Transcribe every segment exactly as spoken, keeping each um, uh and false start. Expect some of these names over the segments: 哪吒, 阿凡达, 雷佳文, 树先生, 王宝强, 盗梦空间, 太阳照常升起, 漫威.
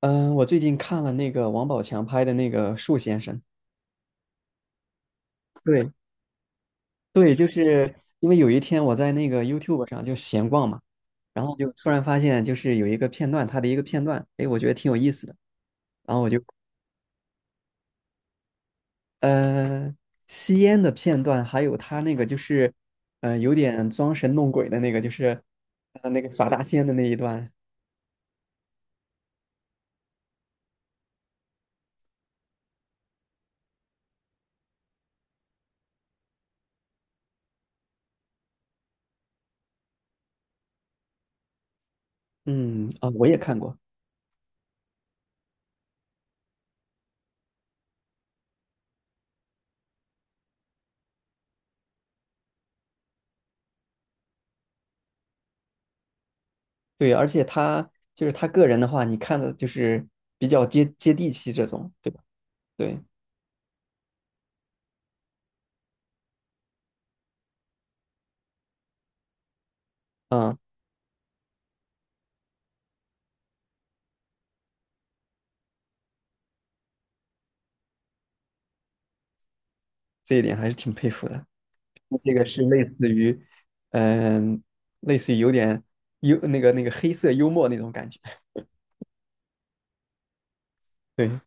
嗯，我最近看了那个王宝强拍的那个《树先生》。对对，嗯就是因为有一天我在那个 YouTube 上就闲逛嘛，然后就突然发现就是有一个片段，他的一个片段，哎，我觉得挺有意思的。然后我就呃吸烟的片段，还有他那个就是嗯，有点装神弄鬼的那个，就是呃那个耍大仙的那一段。嗯啊，我也看过。对，而且他就是他个人的话，你看的就是比较接接地气这种，对吧？对。嗯，这一点还是挺佩服的。这个是类似于，嗯，类似于有点幽那个那个黑色幽默那种感觉。对，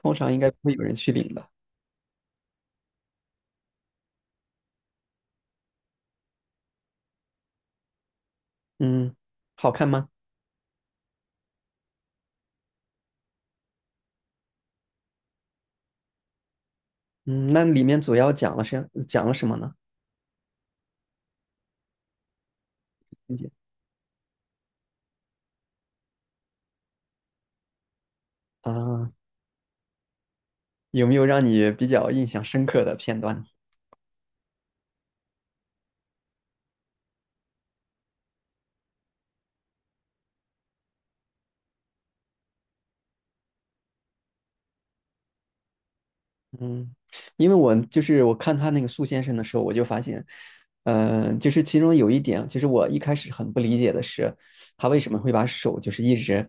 通常应该不会有人去领的。嗯，好看吗？嗯，那里面主要讲了是讲了什么呢？姐啊，有没有让你比较印象深刻的片段呢？嗯，因为我就是我看他那个树先生的时候，我就发现，呃，就是其中有一点，就是我一开始很不理解的是，他为什么会把手就是一直，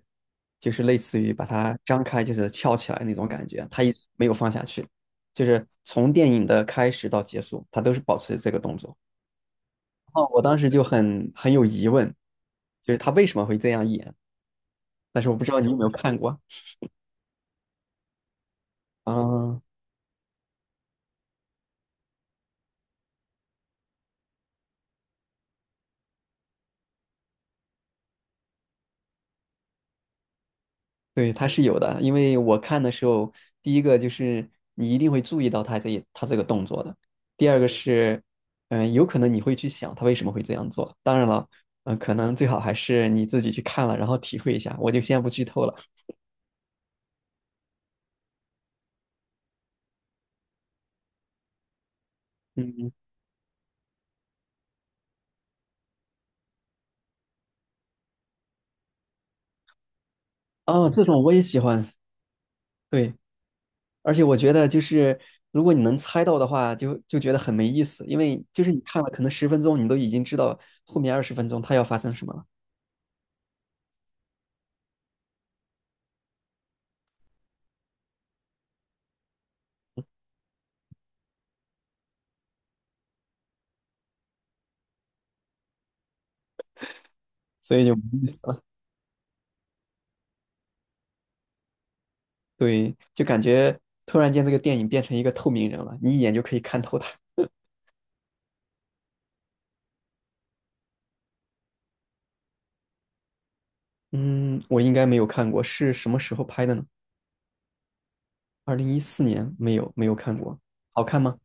就是类似于把它张开，就是翘起来那种感觉，他一直没有放下去，就是从电影的开始到结束，他都是保持这个动作。哦，我当时就很很有疑问，就是他为什么会这样演，但是我不知道你有没有看过啊？嗯，对，它是有的，因为我看的时候，第一个就是你一定会注意到他这一，他这个动作的。第二个是，嗯、有可能你会去想他为什么会这样做。当然了，嗯、可能最好还是你自己去看了，然后体会一下。我就先不剧透了。嗯，哦，这种我也喜欢。对，而且我觉得就是如果你能猜到的话，就就觉得很没意思，因为就是你看了可能十分钟，你都已经知道后面二十分钟它要发生什么了，所以就没意思了。对，就感觉突然间这个电影变成一个透明人了，你一眼就可以看透他。嗯，我应该没有看过，是什么时候拍的呢？二零一四年，没有，没有看过。好看吗？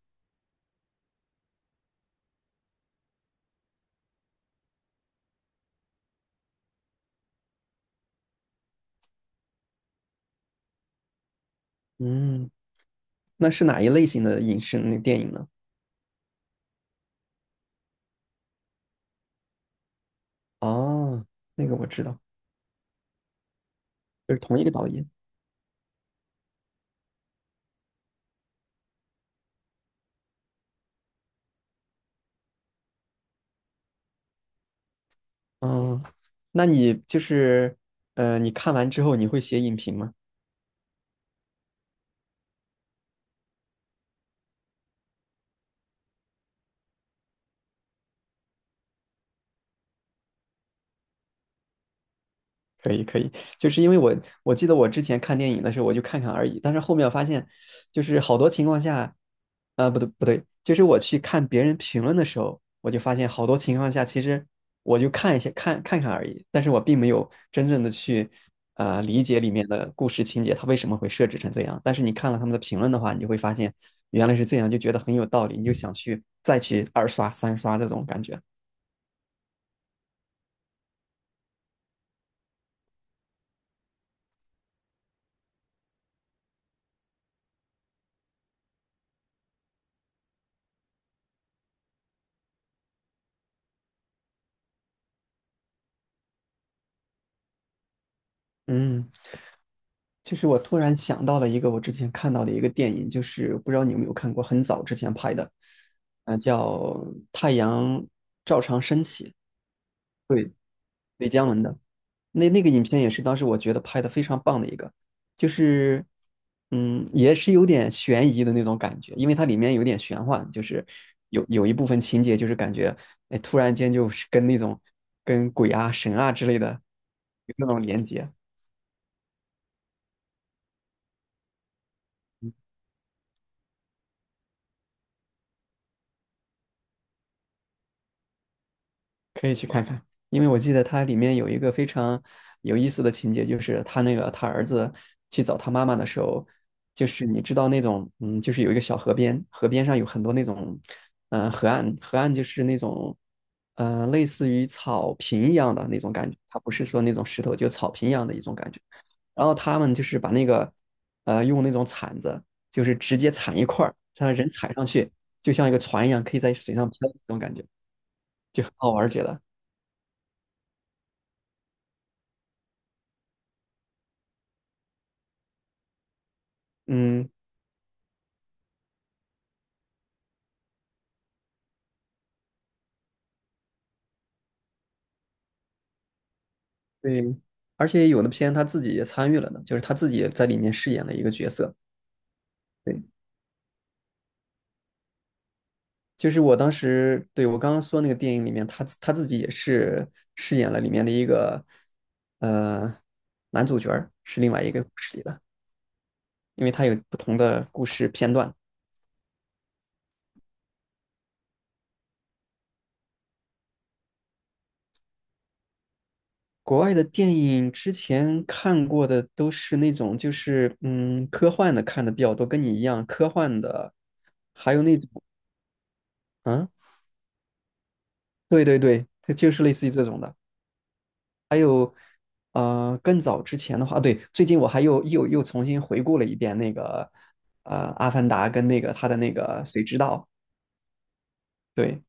嗯，那是哪一类型的影视那电影呢？哦，那个我知道，就是同一个导演。嗯，那你就是，呃，你看完之后你会写影评吗？可以可以，就是因为我我记得我之前看电影的时候，我就看看而已，但是后面我发现，就是好多情况下，呃，不对不对，就是我去看别人评论的时候，我就发现好多情况下，其实我就看一下看看看而已，但是我并没有真正的去呃理解里面的故事情节，它为什么会设置成这样。但是你看了他们的评论的话，你就会发现原来是这样，就觉得很有道理，你就想去再去二刷三刷这种感觉。嗯。就是我突然想到了一个我之前看到的一个电影，就是不知道你有没有看过，很早之前拍的，呃，叫《太阳照常升起》，对，雷佳文的。那那个影片也是当时我觉得拍的非常棒的一个，就是嗯，也是有点悬疑的那种感觉，因为它里面有点玄幻，就是有有一部分情节就是感觉，哎，突然间就是跟那种跟鬼啊、神啊之类的有这种连接。可以去看看，因为我记得它里面有一个非常有意思的情节，就是他那个他儿子去找他妈妈的时候，就是你知道那种，嗯，就是有一个小河边，河边上有很多那种，嗯、河岸，河岸就是那种，呃，类似于草坪一样的那种感觉，它不是说那种石头，就草坪一样的一种感觉。然后他们就是把那个，呃，用那种铲子，就是直接铲一块儿，让人踩上去，就像一个船一样，可以在水上漂的那种感觉，就很好玩儿，觉得。嗯，对，而且有的片他自己也参与了呢，就是他自己也在里面饰演了一个角色。对，就是我当时，对，我刚刚说那个电影里面，他自他自己也是饰演了里面的一个呃男主角儿，是另外一个故事里的，因为他有不同的故事片段。国外的电影之前看过的都是那种就是嗯科幻的看的比较多，跟你一样科幻的，还有那种。啊，对对对，它就是类似于这种的。还有呃，更早之前的话，啊对，最近我还又又又重新回顾了一遍那个，呃，《阿凡达》跟那个他的那个《谁知道》，对，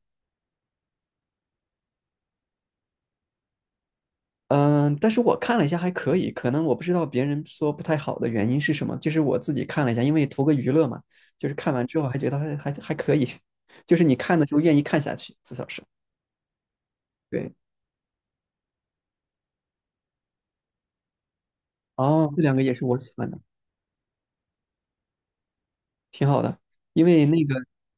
嗯、但是我看了一下还可以，可能我不知道别人说不太好的原因是什么，就是我自己看了一下，因为图个娱乐嘛，就是看完之后还觉得还还还可以，就是你看的时候愿意看下去，至少是，对，哦，这两个也是我喜欢的。挺好的，因为那个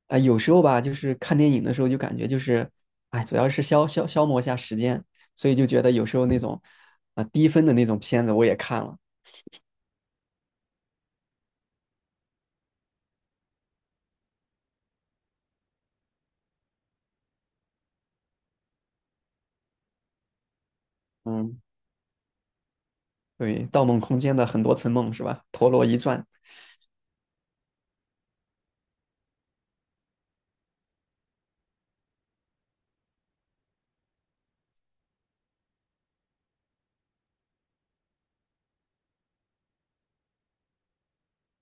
啊、有时候吧，就是看电影的时候就感觉就是，哎，主要是消消消磨一下时间，所以就觉得有时候那种啊、低分的那种片子我也看了。嗯，对，《盗梦空间》的很多层梦是吧？陀螺一转。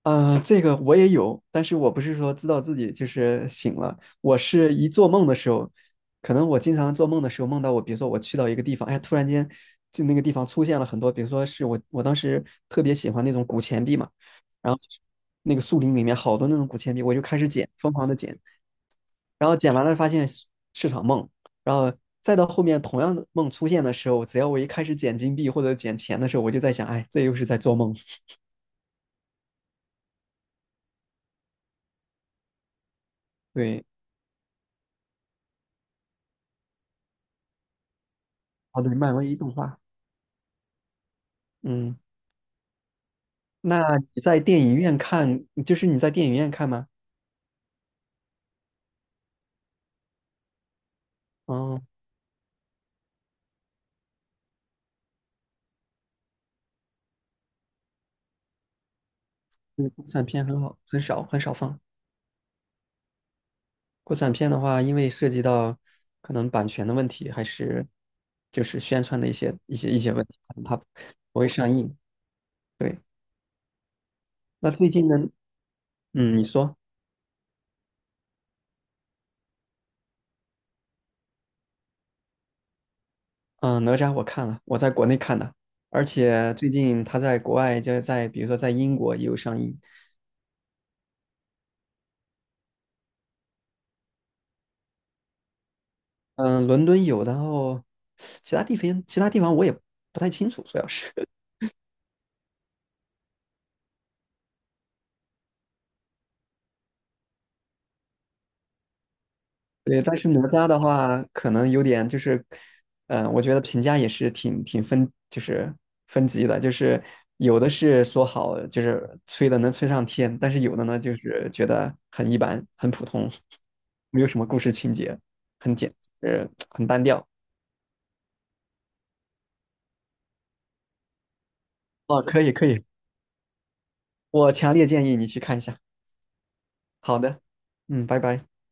呃，这个我也有，但是我不是说知道自己就是醒了，我是一做梦的时候，可能我经常做梦的时候梦到我，比如说我去到一个地方，哎，突然间就那个地方出现了很多，比如说是我我当时特别喜欢那种古钱币嘛，然后那个树林里面好多那种古钱币，我就开始捡，疯狂的捡，然后捡完了发现是是场梦，然后再到后面同样的梦出现的时候，只要我一开始捡金币或者捡钱的时候，我就在想，哎，这又是在做梦。对，哦对，漫威动画。嗯，那你在电影院看，就是你在电影院看吗？哦，对，国产片很好，很少很少放。国产片的话，因为涉及到可能版权的问题，还是就是宣传的一些一些一些问题，可能它不会上映。对，那最近呢，嗯，你说，嗯，哪吒我看了，我在国内看的，而且最近他在国外，就是在比如说在英国也有上映，嗯，伦敦有，然后其他地方其他地方我也不太清楚，主要是。对，但是哪吒的话，可能有点就是，嗯、我觉得评价也是挺挺分，就是分级的，就是有的是说好，就是吹的能吹上天，但是有的呢，就是觉得很一般，很普通，没有什么故事情节，很简，呃，很单调。哦，可以可以，我强烈建议你去看一下。好的，嗯，拜拜。